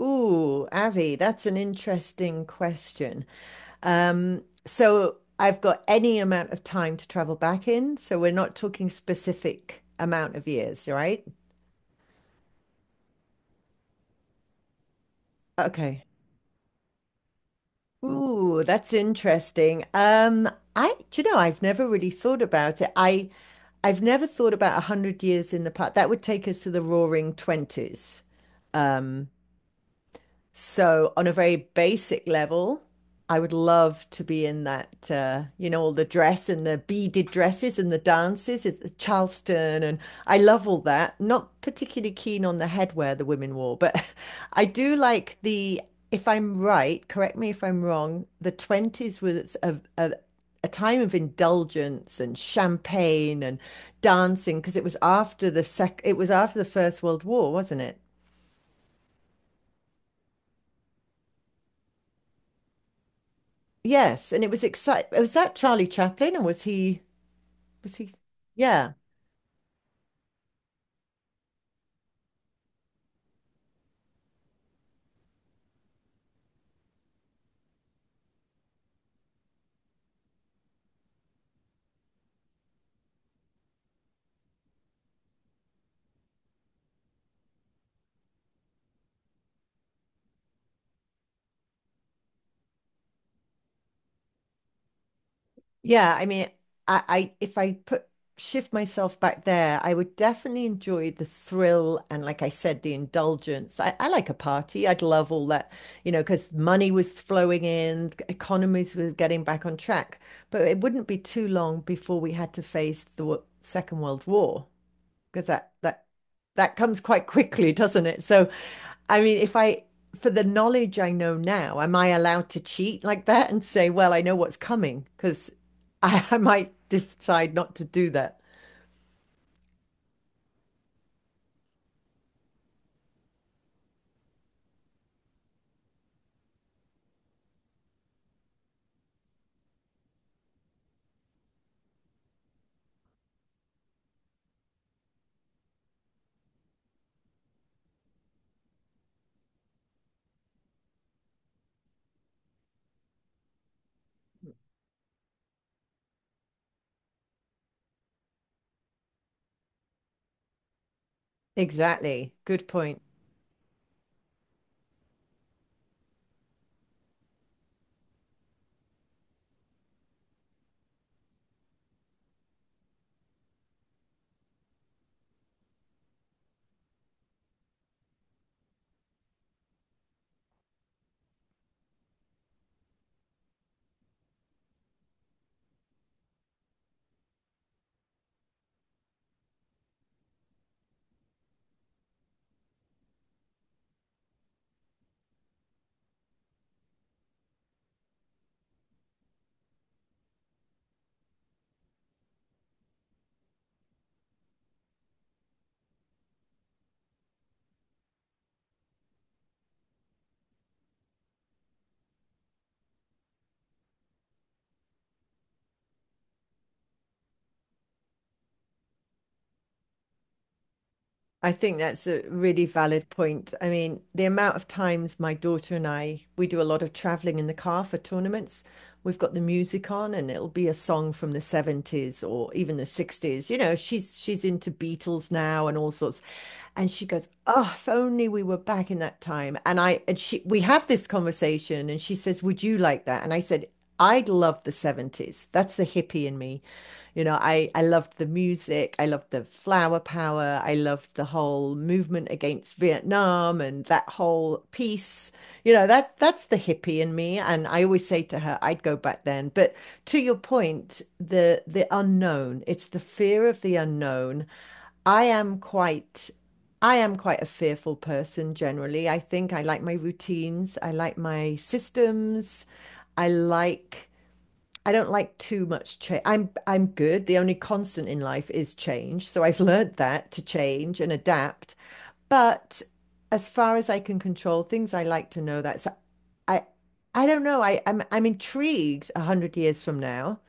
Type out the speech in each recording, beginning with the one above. Ooh, Avi, that's an interesting question. So I've got any amount of time to travel back in, so we're not talking specific amount of years, right? Okay. Ooh, that's interesting. Do you know, I've never really thought about it. I've never thought about 100 years in the past. That would take us to the Roaring Twenties. Um, So, on a very basic level, I would love to be in that, you know, all the dress and the beaded dresses and the dances, it's the Charleston, and I love all that. Not particularly keen on the headwear the women wore, but I do like if I'm right, correct me if I'm wrong, the 20s was a time of indulgence and champagne and dancing because it was after it was after the First World War, wasn't it? Yes, and it was exciting. Was that Charlie Chaplin, or was he? Was he? Yeah, yeah. I mean, I if I put shift myself back there, I would definitely enjoy the thrill and, like I said, the indulgence. I like a party. I'd love all that, you know, because money was flowing in, economies were getting back on track. But it wouldn't be too long before we had to face Second World War, because that comes quite quickly, doesn't it? So, I mean, if I for the knowledge I know now, am I allowed to cheat like that and say, well, I know what's coming? Because I might decide not to do that. Exactly. Good point. I think that's a really valid point. I mean, the amount of times my daughter and I, we do a lot of traveling in the car for tournaments. We've got the music on and it'll be a song from the 70s or even the 60s. You know, she's into Beatles now and all sorts. And she goes, "Oh, if only we were back in that time." And I and she we have this conversation and she says, "Would you like that?" And I said, I love the 70s. That's the hippie in me. You know, I loved the music. I loved the flower power. I loved the whole movement against Vietnam and that whole peace. You know, that's the hippie in me. And I always say to her, I'd go back then. But to your point, the unknown, it's the fear of the unknown. I am quite I am quite a fearful person generally. I think I like my routines. I like my systems. I like I don't like too much change. I'm good. The only constant in life is change. So I've learned that to change and adapt. But as far as I can control things, I like to know that. So I I don't know. I'm intrigued 100 years from now.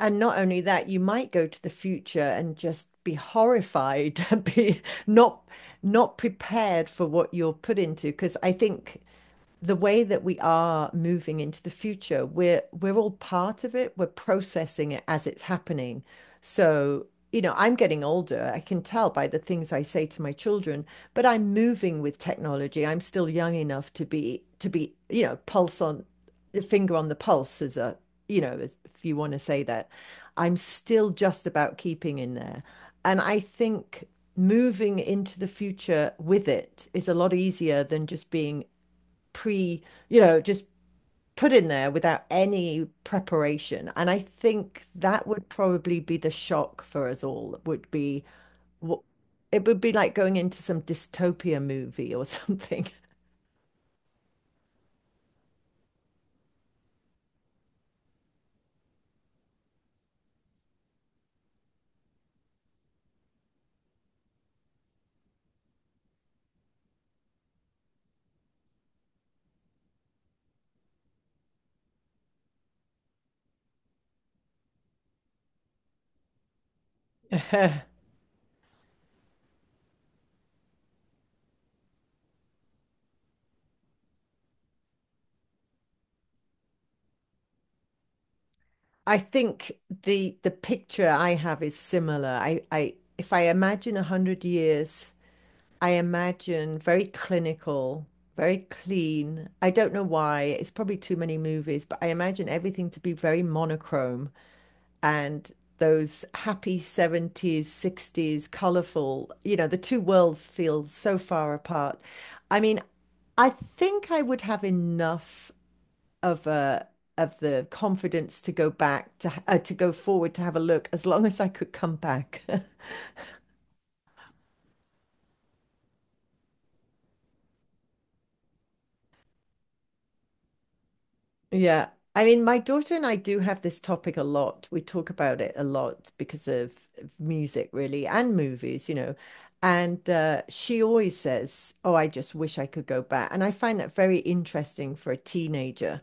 And not only that, you might go to the future and just be horrified, be not not prepared for what you're put into. Because I think the way that we are moving into the future, we're all part of it. We're processing it as it's happening. So, you know, I'm getting older. I can tell by the things I say to my children, but I'm moving with technology. I'm still young enough to be, you know, pulse on finger on the pulse as you know, as, if you want to say that. I'm still just about keeping in there. And I think moving into the future with it is a lot easier than just being pre, you know, just put in there without any preparation. And I think that would probably be the shock for us all, would be what it would be like going into some dystopia movie or something. I think the picture I have is similar. I if I imagine 100 years, I imagine very clinical, very clean. I don't know why. It's probably too many movies, but I imagine everything to be very monochrome. And those happy 70s, 60s, colorful, you know, the two worlds feel so far apart. I mean, I think I would have enough of a of the confidence to go back to go forward to have a look as long as I could come back. Yeah. I mean, my daughter and I do have this topic a lot. We talk about it a lot because of music, really, and movies, you know. And she always says, "Oh, I just wish I could go back." And I find that very interesting for a teenager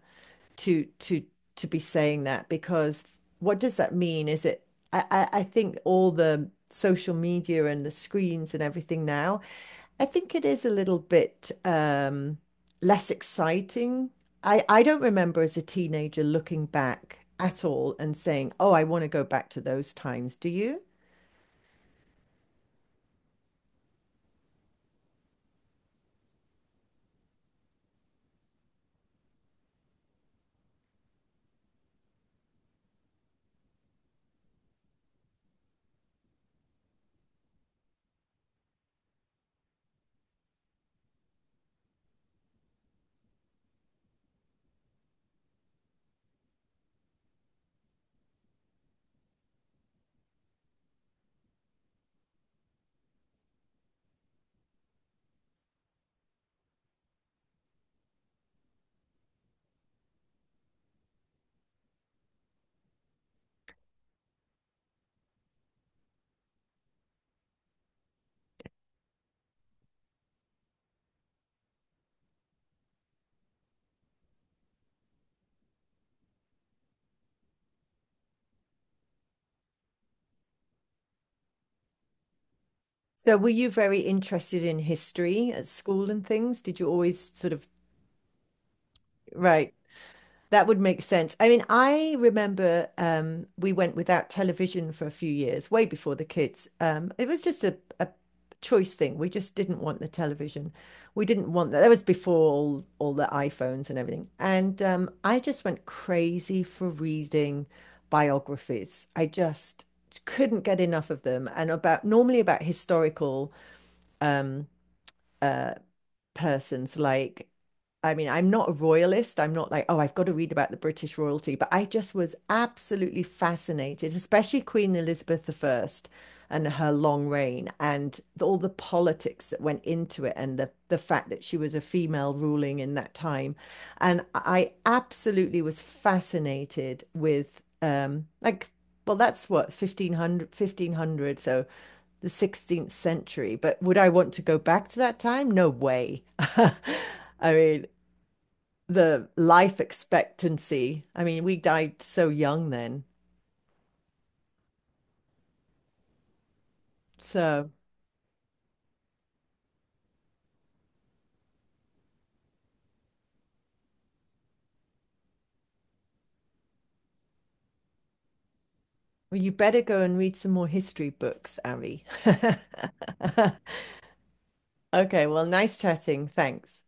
to to to be saying that because what does that mean? Is it I think all the social media and the screens and everything now, I think it is a little bit less exciting. I don't remember as a teenager looking back at all and saying, "Oh, I want to go back to those times." Do you? So were you very interested in history at school and things? Did you always sort of right? That would make sense. I mean, I remember we went without television for a few years, way before the kids. It was just a choice thing. We just didn't want the television. We didn't want that. That was before all the iPhones and everything. And I just went crazy for reading biographies. I just couldn't get enough of them. And about normally about historical um, uh, persons like I mean, I'm not a royalist. I'm not like, oh, I've got to read about the British royalty, but I just was absolutely fascinated, especially Queen Elizabeth I and her long reign and all the politics that went into it and the fact that she was a female ruling in that time. And I absolutely was fascinated with, like, well, that's what, 1500, 1500, so the 16th century. But would I want to go back to that time? No way. I mean, the life expectancy. I mean, we died so young then. So well, you better go and read some more history books, Abby. Okay, well, nice chatting. Thanks.